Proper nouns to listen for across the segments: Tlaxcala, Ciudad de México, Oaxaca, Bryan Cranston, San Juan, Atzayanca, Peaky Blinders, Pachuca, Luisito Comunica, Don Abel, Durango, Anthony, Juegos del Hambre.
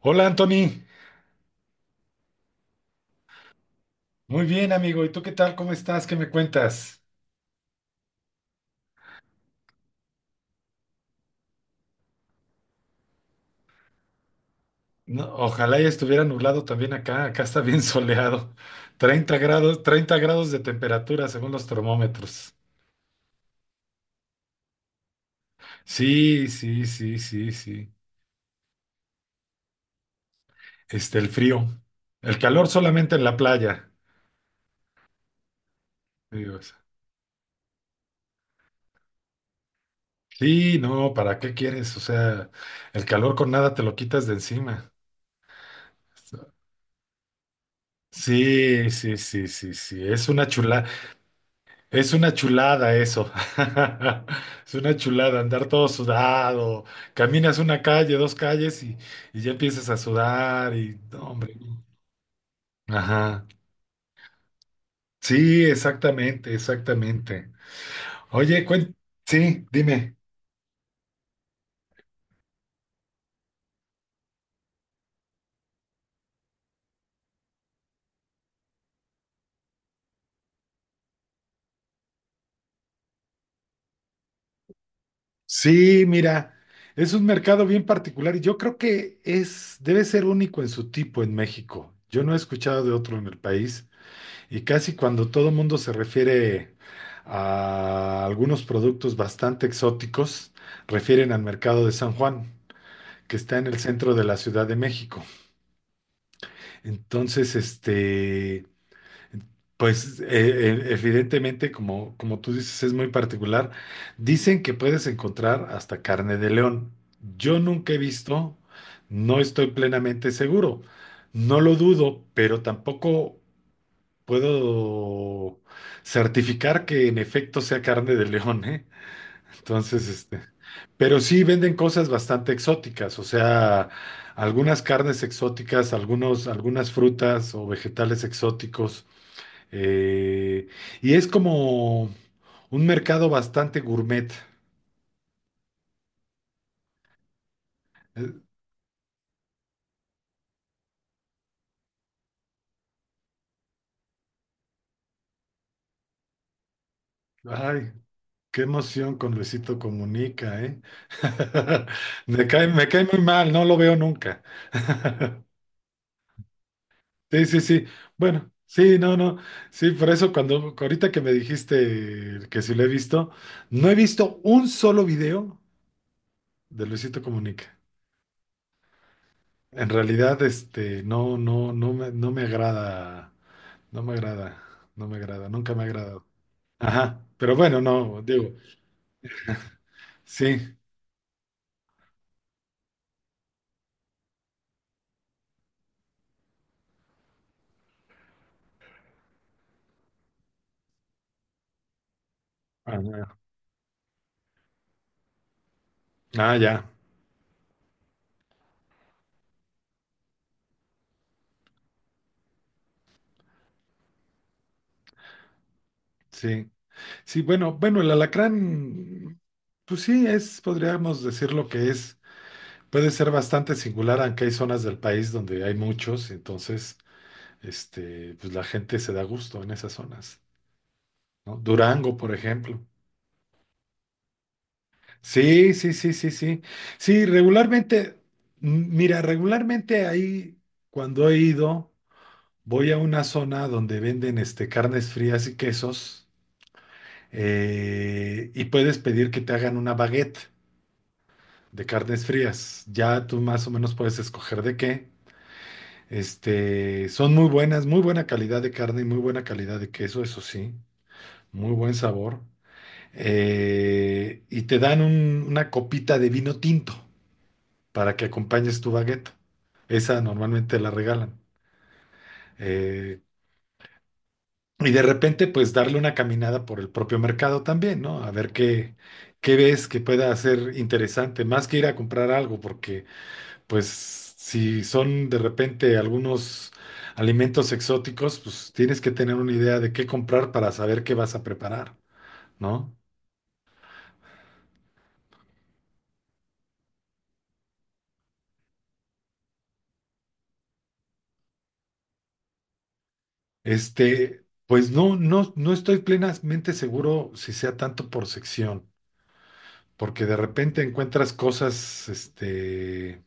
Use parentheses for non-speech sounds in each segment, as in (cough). Hola Anthony, muy bien amigo, ¿y tú qué tal? ¿Cómo estás? ¿Qué me cuentas? No, ojalá ya estuviera nublado también acá, acá está bien (laughs) soleado, 30 grados, 30 grados de temperatura según los termómetros. Sí, sí, sí, sí, sí. El frío, el calor solamente en la playa. Digo, sí, no, ¿para qué quieres? O sea, el calor con nada te lo quitas de encima. Sí, sí, sí, sí, sí, es una chulada. Es una chulada eso. (laughs) Es una chulada andar todo sudado. Caminas una calle, dos calles y ya empiezas a sudar y no, hombre. Ajá. Sí, exactamente, exactamente. Oye, sí, dime. Sí, mira, es un mercado bien particular y yo creo que es, debe ser único en su tipo en México. Yo no he escuchado de otro en el país. Y casi cuando todo el mundo se refiere a algunos productos bastante exóticos, refieren al mercado de San Juan, que está en el centro de la Ciudad de México. Entonces, pues evidentemente, como, como tú dices, es muy particular. Dicen que puedes encontrar hasta carne de león. Yo nunca he visto, no estoy plenamente seguro. No lo dudo, pero tampoco puedo certificar que en efecto sea carne de león, ¿eh? Entonces, pero sí venden cosas bastante exóticas, o sea, algunas carnes exóticas, algunos, algunas frutas o vegetales exóticos, eh, y es como un mercado bastante gourmet. Eh, Ay, qué emoción con Luisito Comunica, ¿eh? (laughs) Me cae muy mal, no lo veo nunca. (laughs) Sí, sí, sí. Bueno, sí, no, no. Sí, por eso cuando ahorita que me dijiste que sí lo he visto, no he visto un solo video de Luisito Comunica. En realidad, no, no me agrada, no me agrada, no me agrada, nunca me ha agradado. Ajá, pero bueno, no, digo, sí. Ah, ah, ya, sí. Sí, bueno, bueno, el alacrán, pues sí, es, podríamos decir lo que es. Puede ser bastante singular, aunque hay zonas del país donde hay muchos, entonces, pues la gente se da gusto en esas zonas, ¿no? Durango, por ejemplo. Sí, sí, sí, sí, sí. Sí, regularmente, mira, regularmente ahí, cuando he ido, voy a una zona donde venden carnes frías y quesos, y puedes pedir que te hagan una baguette de carnes frías. Ya tú más o menos puedes escoger de qué. Este, son muy buenas, muy buena calidad de carne y muy buena calidad de queso, eso sí, muy buen sabor. Y te dan una copita de vino tinto para que acompañes tu baguette. Esa normalmente la regalan. Eh, y de repente, pues darle una caminada por el propio mercado también, ¿no? A ver qué, qué ves que pueda ser interesante, más que ir a comprar algo, porque pues si son de repente algunos alimentos exóticos, pues tienes que tener una idea de qué comprar para saber qué vas a preparar, ¿no? Este, pues no, no estoy plenamente seguro si sea tanto por sección, porque de repente encuentras cosas,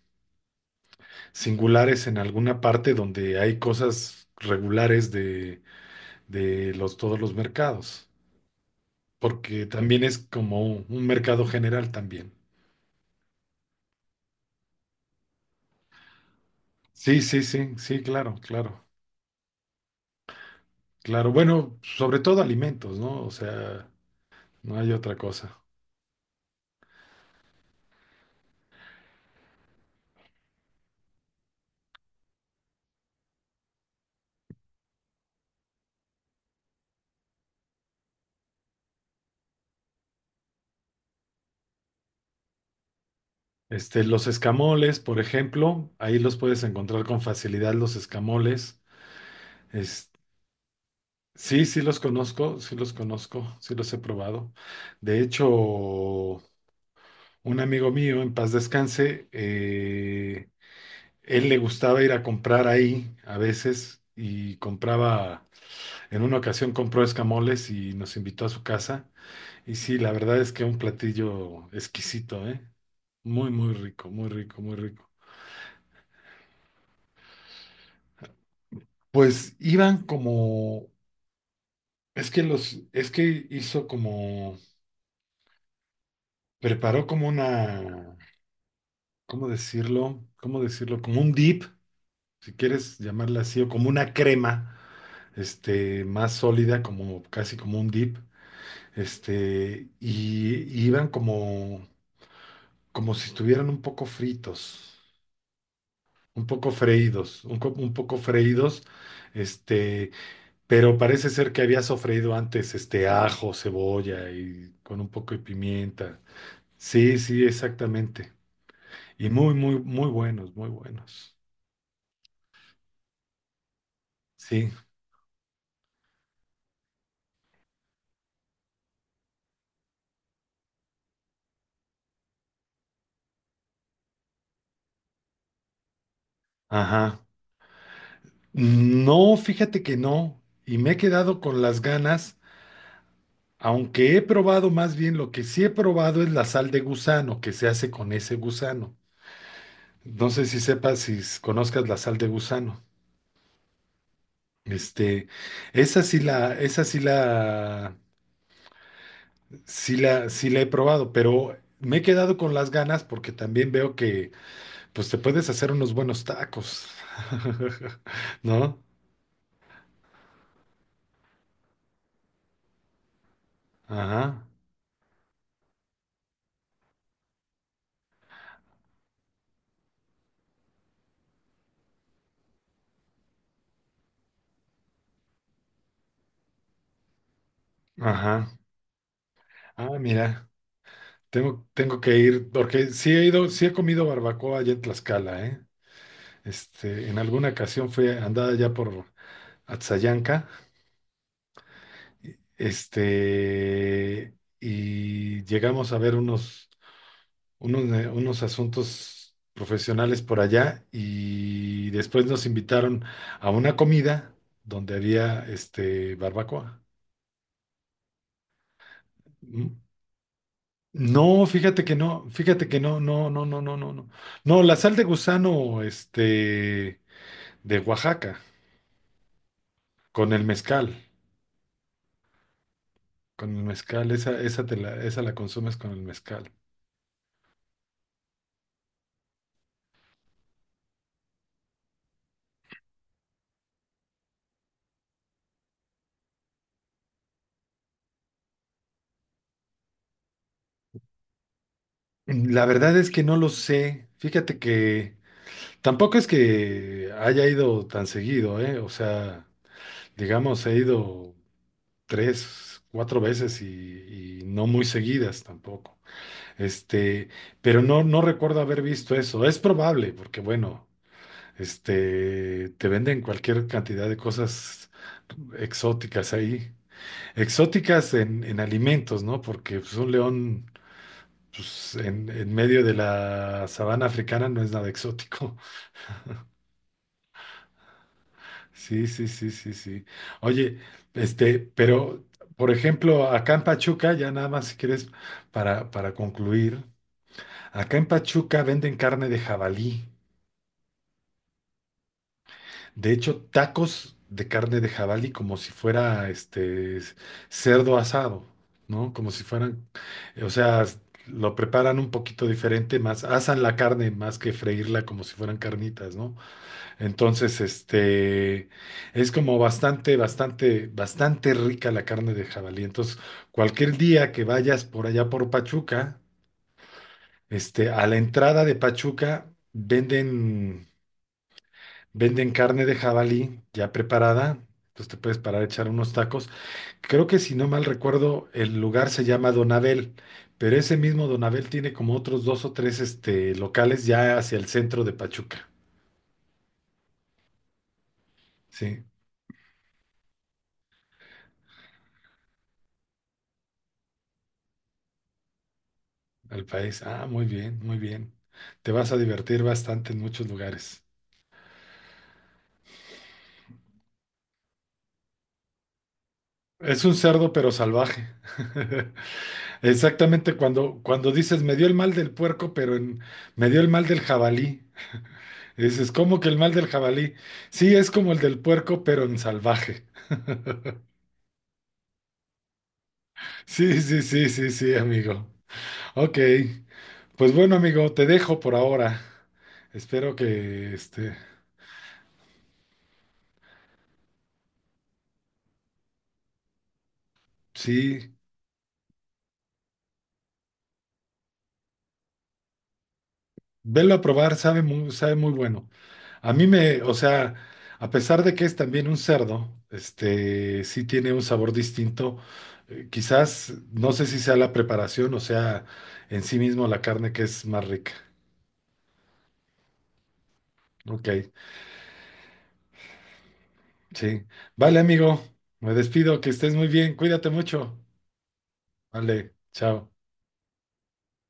singulares en alguna parte donde hay cosas regulares de los, todos los mercados, porque también es como un mercado general también. Sí, sí, sí, sí, claro, claro, claro. Bueno, sobre todo alimentos, ¿no? O sea, no hay otra cosa. Este, los escamoles, por ejemplo, ahí los puedes encontrar con facilidad, los escamoles. Es- sí, sí los conozco, sí los he probado. De hecho, un amigo mío, en paz descanse, él le gustaba ir a comprar ahí a veces y compraba, en una ocasión compró escamoles y nos invitó a su casa. Y sí, la verdad es que un platillo exquisito, ¿eh? Muy, muy rico, muy rico, muy rico. Pues iban como, es que los, es que hizo como, preparó como una, ¿cómo decirlo? ¿Cómo decirlo? Como un dip, si quieres llamarla así, o como una crema, más sólida, como casi como un dip, y iban como, como si estuvieran un poco fritos. Un poco freídos, un poco freídos, este, pero parece ser que había sofreído antes, ajo, cebolla y con un poco de pimienta. Sí, sí, exactamente. Y muy, muy, muy buenos, muy buenos. Sí, ajá. No, fíjate que no. Y me he quedado con las ganas, aunque he probado más bien, lo que sí he probado es la sal de gusano, que se hace con ese gusano. No sé si sepas, si conozcas la sal de gusano. Este, esa sí la, esa sí la, sí la he probado, pero me he quedado con las ganas porque también veo que, pues te puedes hacer unos buenos tacos, (laughs) ¿no? Ajá, ajá. Ah, mira, tengo que ir porque sí he ido, sí he comido barbacoa allá en Tlaxcala, ¿eh? Este, en alguna ocasión fui andada ya por Atzayanca, este, y llegamos a ver unos unos, unos asuntos profesionales por allá y después nos invitaron a una comida donde había este barbacoa. Mm. No, fíjate que no, fíjate que no, no, no, no, no, no, no. No, la sal de gusano, de Oaxaca, con el mezcal, con el mezcal, esa te la, esa la consumes con el mezcal. Mm, la verdad es que no lo sé. Fíjate que tampoco es que haya ido tan seguido, ¿eh? O sea, digamos, he ido tres, cuatro veces y no muy seguidas tampoco. Este, pero no, no recuerdo haber visto eso. Es probable, porque bueno, te venden cualquier cantidad de cosas exóticas ahí. Exóticas en alimentos, ¿no? Porque pues, un león pues, en medio de la sabana africana no es nada exótico. Sí, sí, sí, sí, sí. Oye, pero, por ejemplo, acá en Pachuca, ya nada más si quieres para concluir, acá en Pachuca venden carne de jabalí. De hecho, tacos de carne de jabalí como si fuera este cerdo asado, ¿no? Como si fueran, o sea, lo preparan un poquito diferente, más asan la carne más que freírla como si fueran carnitas, ¿no? Entonces, es como bastante, bastante, bastante rica la carne de jabalí. Entonces, cualquier día que vayas por allá por Pachuca, a la entrada de Pachuca venden, venden carne de jabalí ya preparada. Entonces te puedes parar a echar unos tacos. Creo que si no mal recuerdo, el lugar se llama Don Abel, pero ese mismo Don Abel tiene como otros dos o tres, locales ya hacia el centro de Pachuca. Sí. Al país. Ah, muy bien, muy bien. Te vas a divertir bastante en muchos lugares. Es un cerdo, pero salvaje. (laughs) Exactamente cuando, cuando dices, me dio el mal del puerco, me dio el mal del jabalí. Y dices, ¿cómo que el mal del jabalí? Sí, es como el del puerco, pero en salvaje. (laughs) Sí, sí, sí, sí, sí, amigo. Ok, pues bueno, amigo, te dejo por ahora. Espero que, sí, velo a probar, sabe muy bueno. A mí me, o sea, a pesar de que es también un cerdo, sí tiene un sabor distinto. Quizás, no sé si sea la preparación o sea en sí mismo la carne que es más rica. Ok, sí. Vale, amigo, me despido, que estés muy bien, cuídate mucho. Vale, chao.